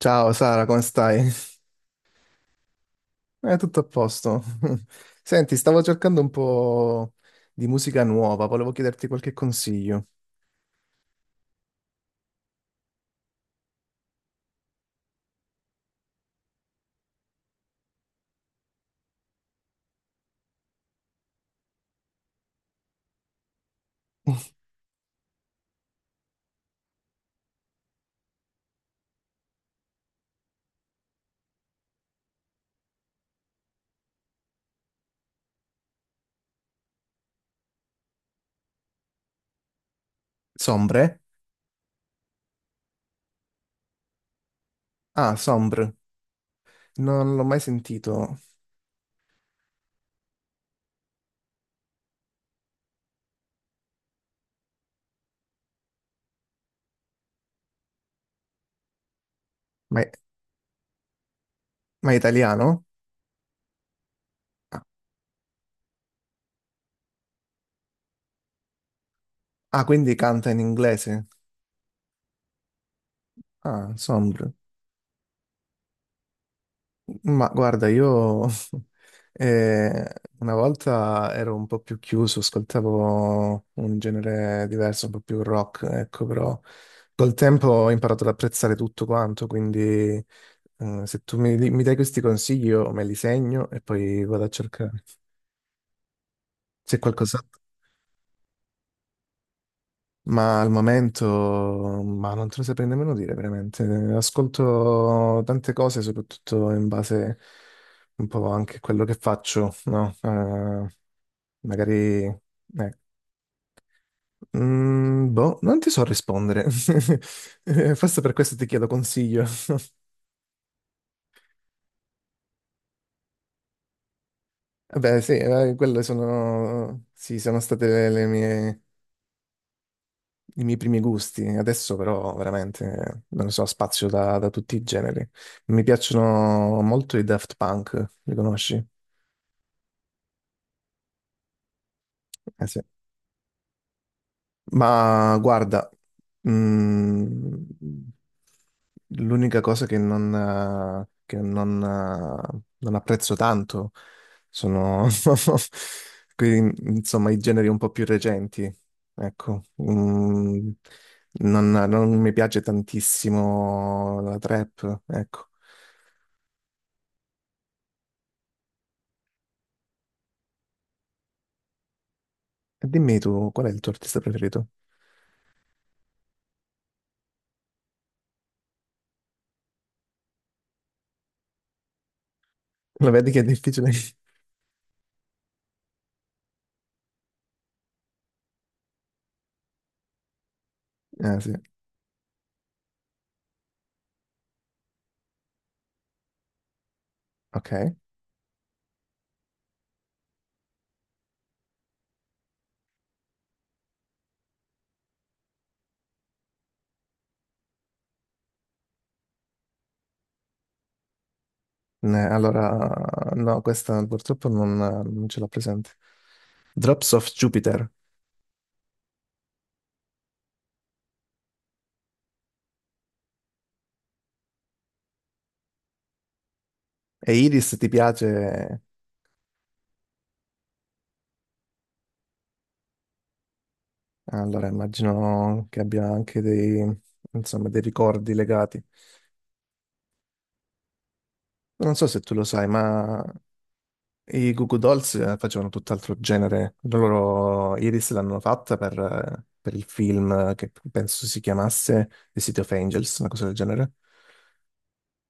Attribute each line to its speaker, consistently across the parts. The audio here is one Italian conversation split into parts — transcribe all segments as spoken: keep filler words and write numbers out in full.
Speaker 1: Ciao Sara, come stai? Eh, tutto a posto. Senti, stavo cercando un po' di musica nuova, volevo chiederti qualche consiglio. Sombre? Ah, Sombre. Non l'ho mai sentito. Ma è, ma è italiano? Ah, ah, quindi canta in inglese. Ah, Sombre. Ma guarda, io eh, una volta ero un po' più chiuso, ascoltavo un genere diverso, un po' più rock, ecco, però col tempo ho imparato ad apprezzare tutto quanto, quindi eh, se tu mi, mi dai questi consigli io me li segno e poi vado a cercare. C'è qualcosa? Ma al momento, ma non te lo saprei nemmeno dire veramente. Ascolto tante cose, soprattutto in base un po' anche a quello che faccio, no? Eh, magari, eh, mm, boh, non ti so rispondere. Eh, Forse per questo ti chiedo consiglio. Vabbè, sì, eh, quelle sono, sì, sono state le mie i miei primi gusti. Adesso però veramente eh, non lo so, spazio da, da tutti i generi. Mi piacciono molto i Daft Punk, li conosci? Eh sì. Ma guarda, mm, l'unica cosa che non, eh, che non, eh, non apprezzo tanto sono quei- insomma, i generi un po' più recenti. Ecco, Mm, non, non mi piace tantissimo la trap, ecco. E dimmi tu, qual è il tuo artista preferito? Lo vedi che è difficile? Ah, sì, ok. Ne- Allora, no, questa purtroppo non, non ce l'ho presente. Drops of Jupiter. E Iris ti piace? Allora, immagino che abbia anche dei, insomma, dei ricordi legati. Non so se tu lo sai, ma i Goo Goo Dolls eh, facevano tutt'altro genere. Loro Iris l'hanno fatta per, eh, per il film che penso si chiamasse The City of Angels, una cosa del genere.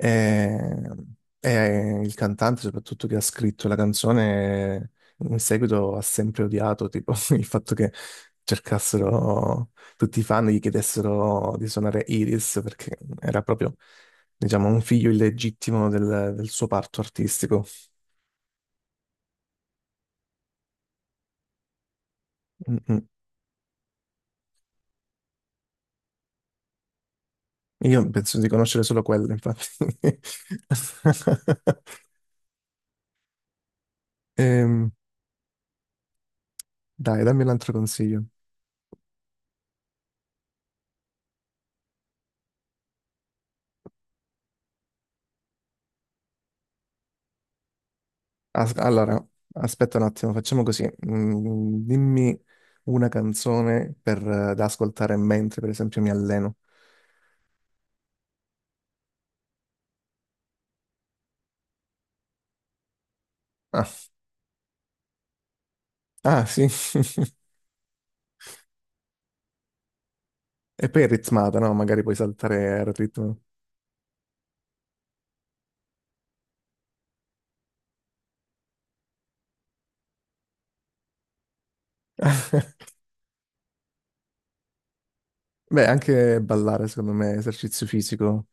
Speaker 1: E, e il cantante, soprattutto che ha scritto la canzone, in seguito ha sempre odiato, tipo, il fatto che cercassero tutti i fan, gli chiedessero di suonare Iris, perché era proprio, diciamo, un figlio illegittimo del, del suo parto artistico. Mm, mm. Io penso di conoscere solo quella, infatti. Ehm, dai, dammi un altro consiglio. As- allora, aspetta un attimo, facciamo così. Mm, dimmi una canzone per, eh, da ascoltare mentre, per esempio, mi alleno. Ah, ah, sì. E poi è ritmata, no? Magari puoi saltare al ritmo. Beh, anche ballare, secondo me, esercizio fisico,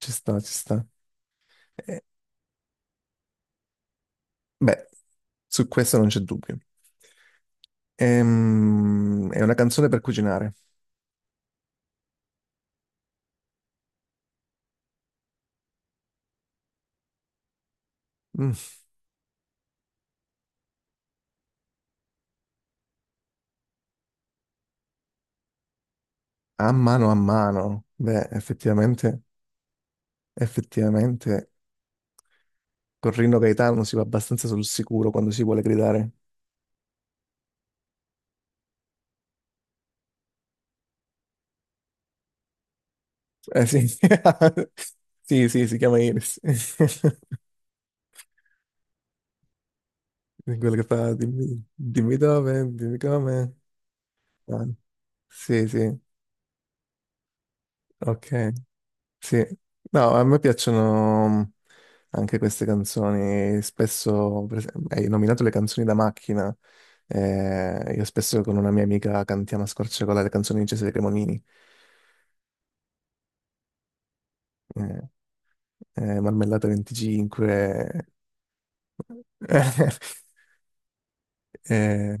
Speaker 1: ci sta, ci sta. Eh, beh, su questo non c'è dubbio. Ehm, è una canzone per cucinare. Mm, a mano a mano. Beh, effettivamente, effettivamente. Con Rino Gaetano si va abbastanza sul sicuro quando si vuole gridare. Eh sì, sì, sì, si chiama Iris. Quello che fa, dimmi, dimmi dove, dimmi come. Ah, sì, sì, ok, sì. No, a me piacciono mm, anche queste canzoni. Spesso, per esempio, hai nominato le canzoni da macchina. Eh, io spesso con una mia amica cantiamo a squarciagola le canzoni di Cesare Cremonini. Eh, eh, Marmellata venticinque. Eh,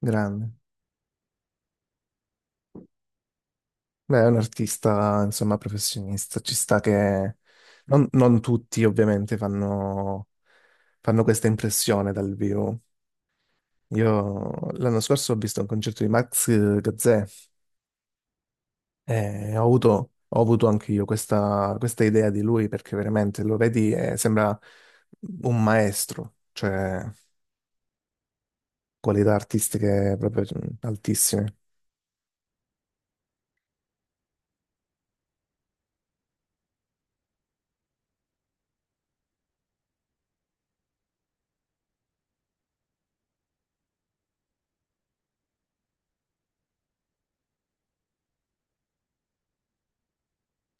Speaker 1: grande. Beh, è un artista, insomma, professionista. Ci sta che non, non tutti, ovviamente, fanno, fanno questa impressione dal vivo. Io l'anno scorso ho visto un concerto di Max Gazzè e ho avuto, ho avuto anche io questa, questa idea di lui perché veramente lo vedi e sembra un maestro, cioè qualità artistiche proprio altissime.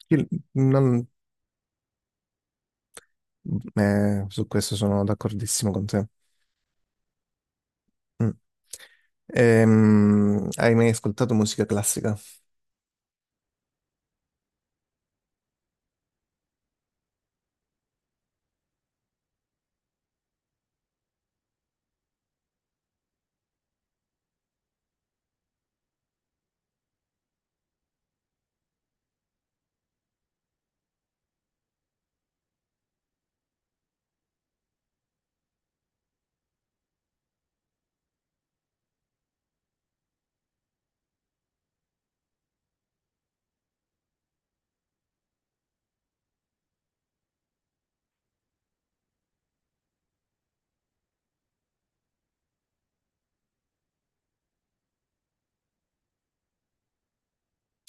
Speaker 1: Io non- Eh, su questo sono d'accordissimo con te. Mm. Ehm, hai mai ascoltato musica classica?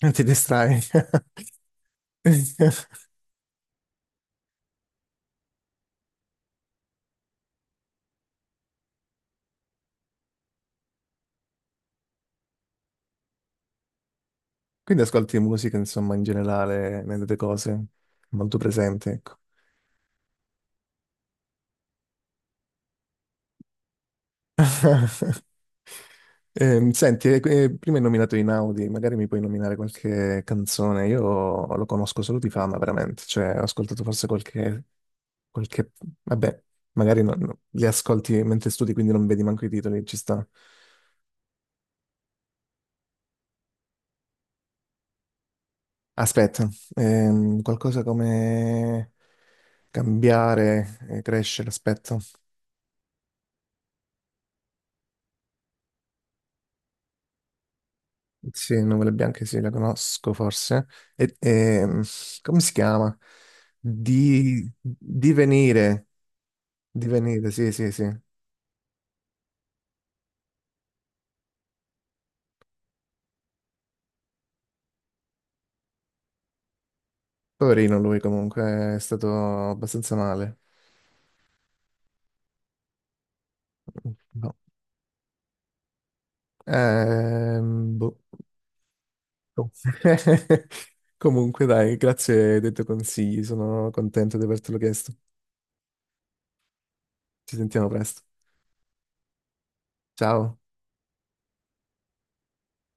Speaker 1: Ti distrai? Quindi ascolti musica, insomma, in generale, nelle tue cose, molto presente, ecco. Ehm, senti, eh, eh, prima hai nominato Inaudi, magari mi puoi nominare qualche canzone. Io lo conosco solo di fama, veramente. Cioè, ho ascoltato forse qualche, qualche... Vabbè, magari non- non- li ascolti mentre studi, quindi non vedi manco i titoli, ci sta. Aspetta, ehm, qualcosa come cambiare, eh, crescere, aspetta. Sì, Nuvole Bianche sì, la conosco forse. E, ehm, come si chiama? Di, divenire, divenire, sì, sì, sì. Poverino lui comunque, è stato abbastanza male. No. Ehm, boh. Oh. Comunque dai, grazie dei tuoi consigli, sono contento di avertelo chiesto. Ci sentiamo presto. Ciao.